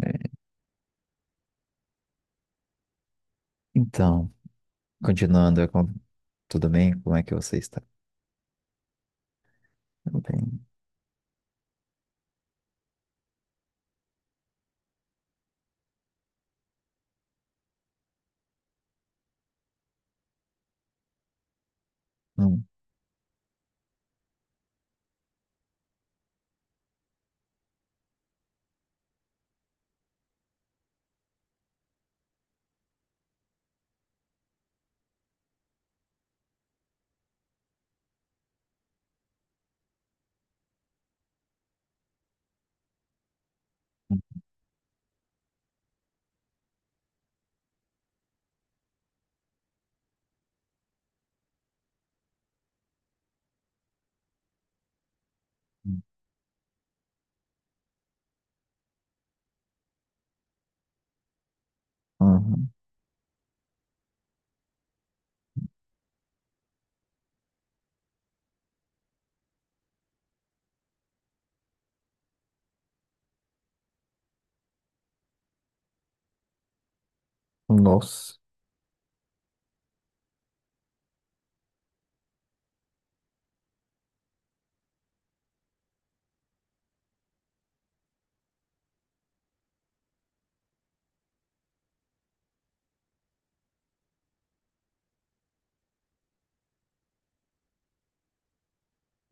É, então, continuando, tudo bem? Como é que você está? Tudo bem. Hum, hum, hum. Uhum. Nossa.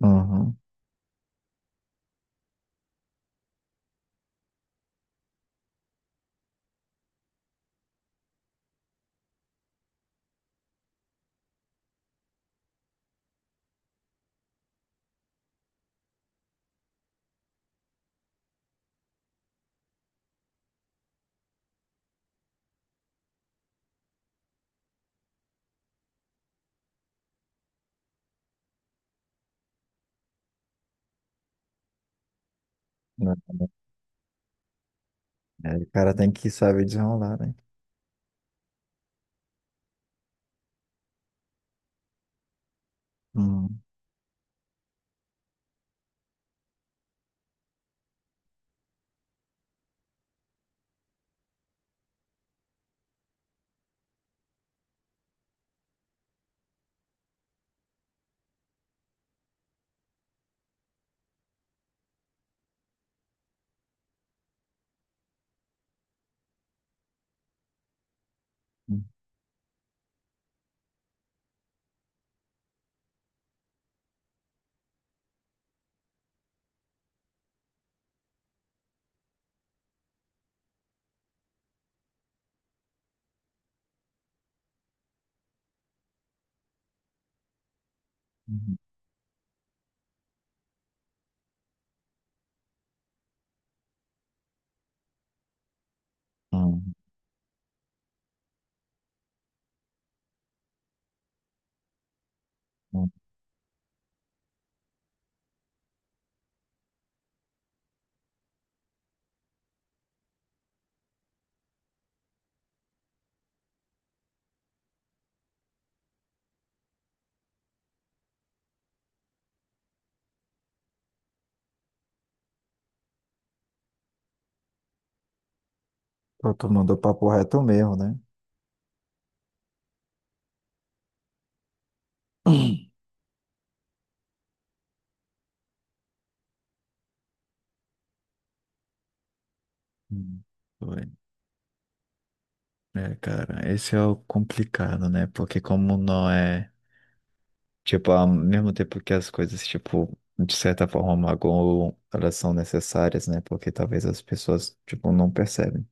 Uhum. Não, não. É, o cara tem que saber desenrolar, né? Hum, hum, hum, hum, hum. Pô, tu mandou papo reto mesmo, né? Hum. Foi. É, cara, esse é o complicado, né? Porque como não é. Tipo, ao mesmo tempo que as coisas, tipo, de certa forma magoam, elas são necessárias, né? Porque talvez as pessoas, tipo, não percebem.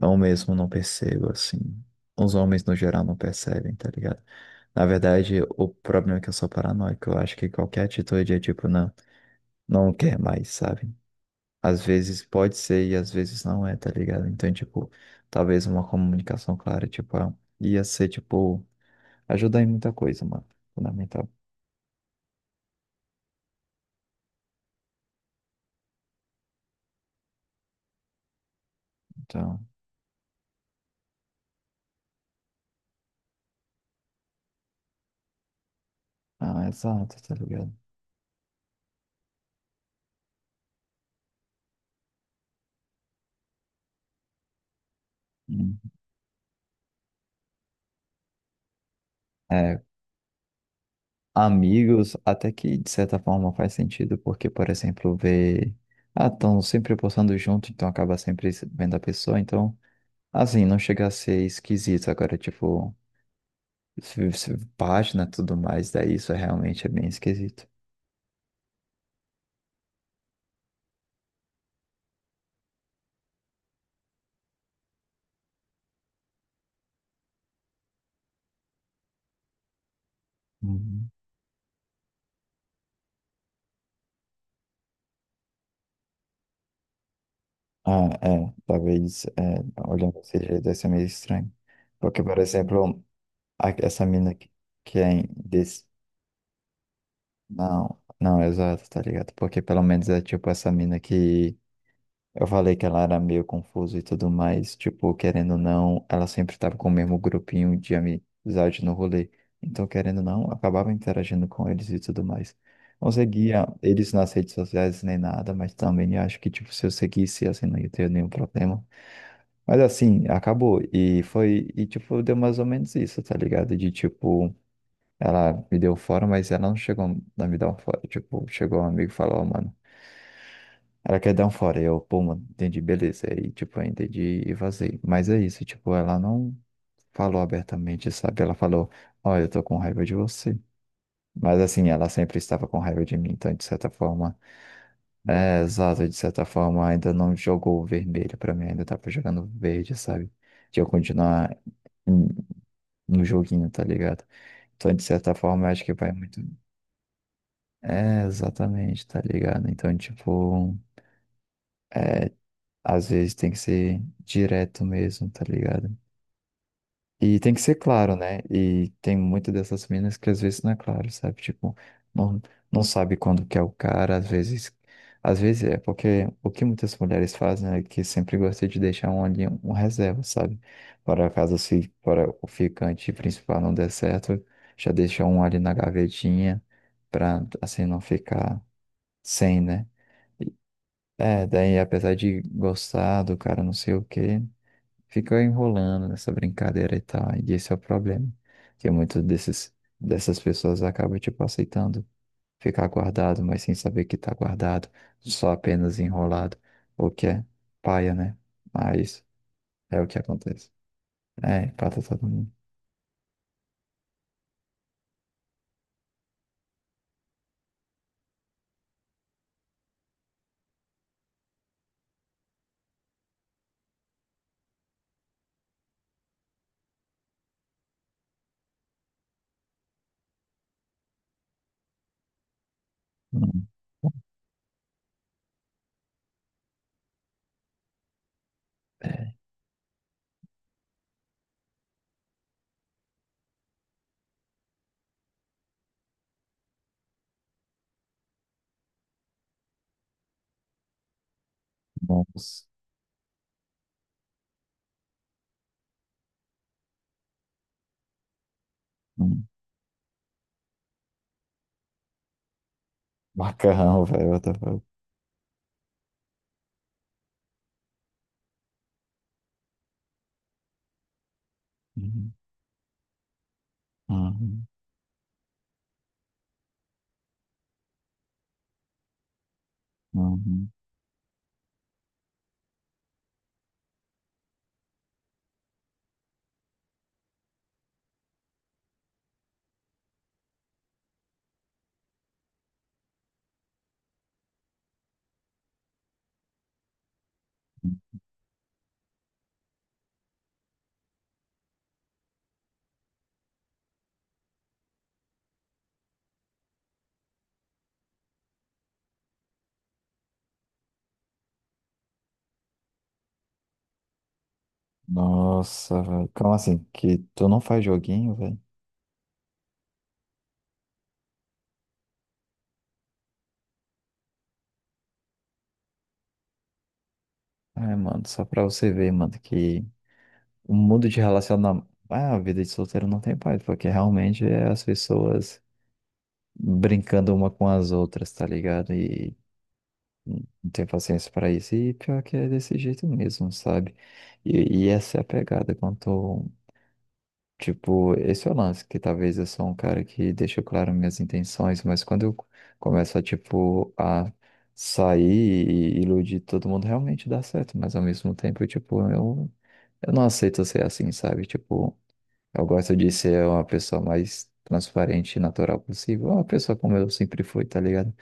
Eu mesmo não percebo, assim. Os homens, no geral, não percebem, tá ligado? Na verdade, o problema é que eu sou paranoico. Eu acho que qualquer atitude é, tipo, não, não quer mais, sabe? Às vezes pode ser e às vezes não é, tá ligado? Então, tipo, talvez uma comunicação clara, tipo, ah, ia ser, tipo, ajudar em muita coisa, mano. Fundamental. Então. Ah, exato, tá ligado? Hum. É, amigos, até que de certa forma faz sentido, porque, por exemplo, ver. Ah, estão sempre postando junto, então acaba sempre vendo a pessoa, então, assim, não chega a ser esquisito. Agora, tipo, página e tudo mais, daí isso é realmente é bem esquisito. Uhum. Ah, é, talvez, é, olhando desse jeito, deve ser meio estranho. Porque, por exemplo, essa mina que é. Não, não, exato, tá ligado? Porque pelo menos é tipo essa mina que eu falei que ela era meio confusa e tudo mais, tipo, querendo ou não, ela sempre tava com o mesmo grupinho de amizade no rolê. Então, querendo ou não, acabava interagindo com eles e tudo mais. Não seguia eles nas redes sociais nem nada, mas também acho que, tipo, se eu seguisse, assim, não ia ter nenhum problema. Mas assim, acabou. E foi, e tipo, deu mais ou menos isso, tá ligado? De tipo. Ela me deu fora, mas ela não chegou a me dar um fora. Tipo, chegou um amigo e falou, ó, mano, ela quer dar um fora. E eu, pô, mano, entendi, beleza. E, tipo, eu entendi e vazei. Mas é isso, tipo, ela não falou abertamente, sabe? Ela falou, ó, eu tô com raiva de você. Mas, assim, ela sempre estava com raiva de mim, então, de certa forma, é exato, de certa forma, ainda não jogou o vermelho pra mim, ainda tava jogando verde, sabe? De eu continuar hum, no joguinho, tá ligado? Então, de certa forma, eu acho que vai muito. É, exatamente, tá ligado? Então, tipo, é, às vezes tem que ser direto mesmo, tá ligado? E tem que ser claro, né? E tem muitas dessas minas que às vezes não é claro, sabe? Tipo, não, não sabe quando que é o cara, às vezes. Às vezes é porque o que muitas mulheres fazem é que sempre gostam de deixar um ali um reserva, sabe? Para caso se para o ficante principal não der certo, já deixa um ali na gavetinha pra assim não ficar sem, né? É, daí apesar de gostar do cara não sei o quê, fica enrolando nessa brincadeira e tal. E esse é o problema. Que dessas pessoas acabam, tipo, aceitando ficar guardado, mas sem saber que tá guardado, só apenas enrolado, o que é paia, né? Mas é o que acontece. É, empata todo mundo. Hum, é, nossa. Hum, macarrão, velho, what the fuck. Uhum, uhum, uhum. Nossa, velho. Como assim? Que tu não faz joguinho, velho? Ai, mano, só pra você ver, mano, que o mundo de relacionamento. Ah, a vida de solteiro não tem paz, porque realmente é as pessoas brincando uma com as outras, tá ligado? E não tem paciência pra isso. E pior que é desse jeito mesmo, sabe? E essa é a pegada. Quanto. Tipo, esse é o lance, que talvez eu sou um cara que deixa claro minhas intenções, mas quando eu começo a, tipo, a sair e iludir todo mundo, realmente dá certo, mas ao mesmo tempo, tipo, eu não aceito ser assim, sabe? Tipo, eu gosto de ser uma pessoa mais transparente e natural possível, uma pessoa como eu sempre fui, tá ligado?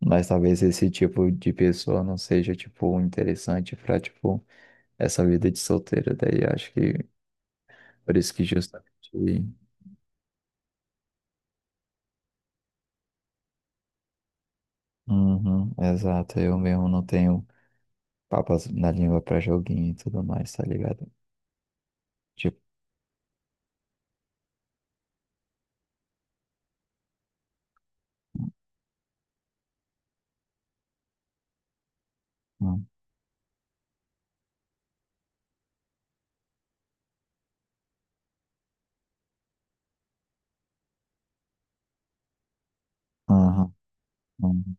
Mas talvez esse tipo de pessoa não seja, tipo, interessante pra, tipo, essa vida de solteiro, daí acho que por isso que justamente. Uhum, exato, eu mesmo não tenho papas na língua pra joguinho e tudo mais, tá ligado? Tipo, hum, uhum, uhum,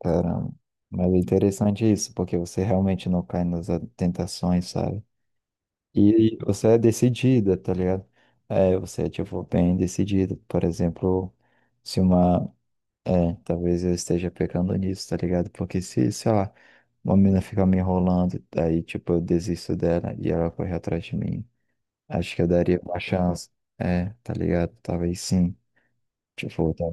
caramba. Mas é interessante isso, porque você realmente não cai nas tentações, sabe? E você é decidida, tá ligado? É, você é, tipo, bem decidida. Por exemplo, se uma. É, talvez eu esteja pecando nisso, tá ligado? Porque se, sei lá, uma mina fica me enrolando, aí, tipo, eu desisto dela e ela corre atrás de mim. Acho que eu daria uma chance. É, tá ligado? Talvez sim. Tipo, tá.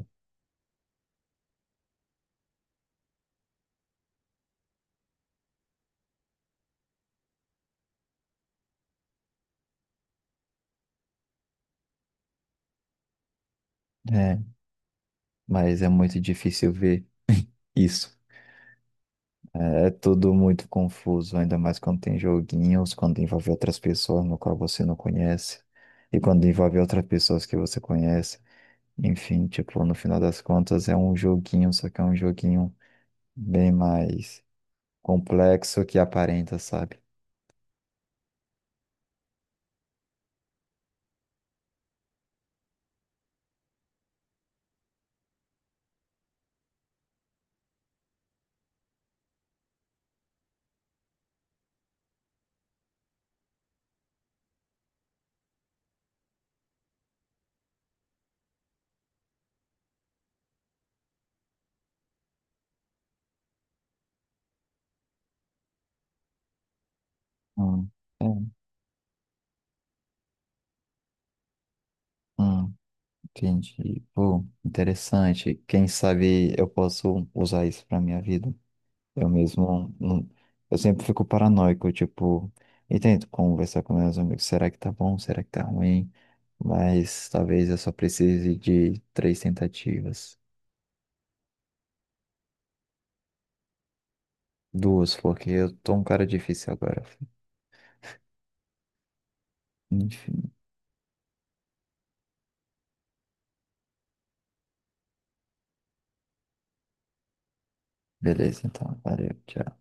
É, mas é muito difícil ver isso. É, é tudo muito confuso, ainda mais quando tem joguinhos, quando envolve outras pessoas no qual você não conhece, e quando envolve outras pessoas que você conhece. Enfim, tipo, no final das contas é um joguinho, só que é um joguinho bem mais complexo que aparenta, sabe? Hum, é, hum. Entendi. Pô, interessante. Quem sabe eu posso usar isso pra minha vida. Eu mesmo, eu sempre fico paranoico, tipo, e tento conversar com meus amigos, será que tá bom? Será que tá ruim? Mas talvez eu só precise de 3 tentativas. Duas, porque eu tô um cara difícil agora. Enfim, beleza, então, valeu, tchau.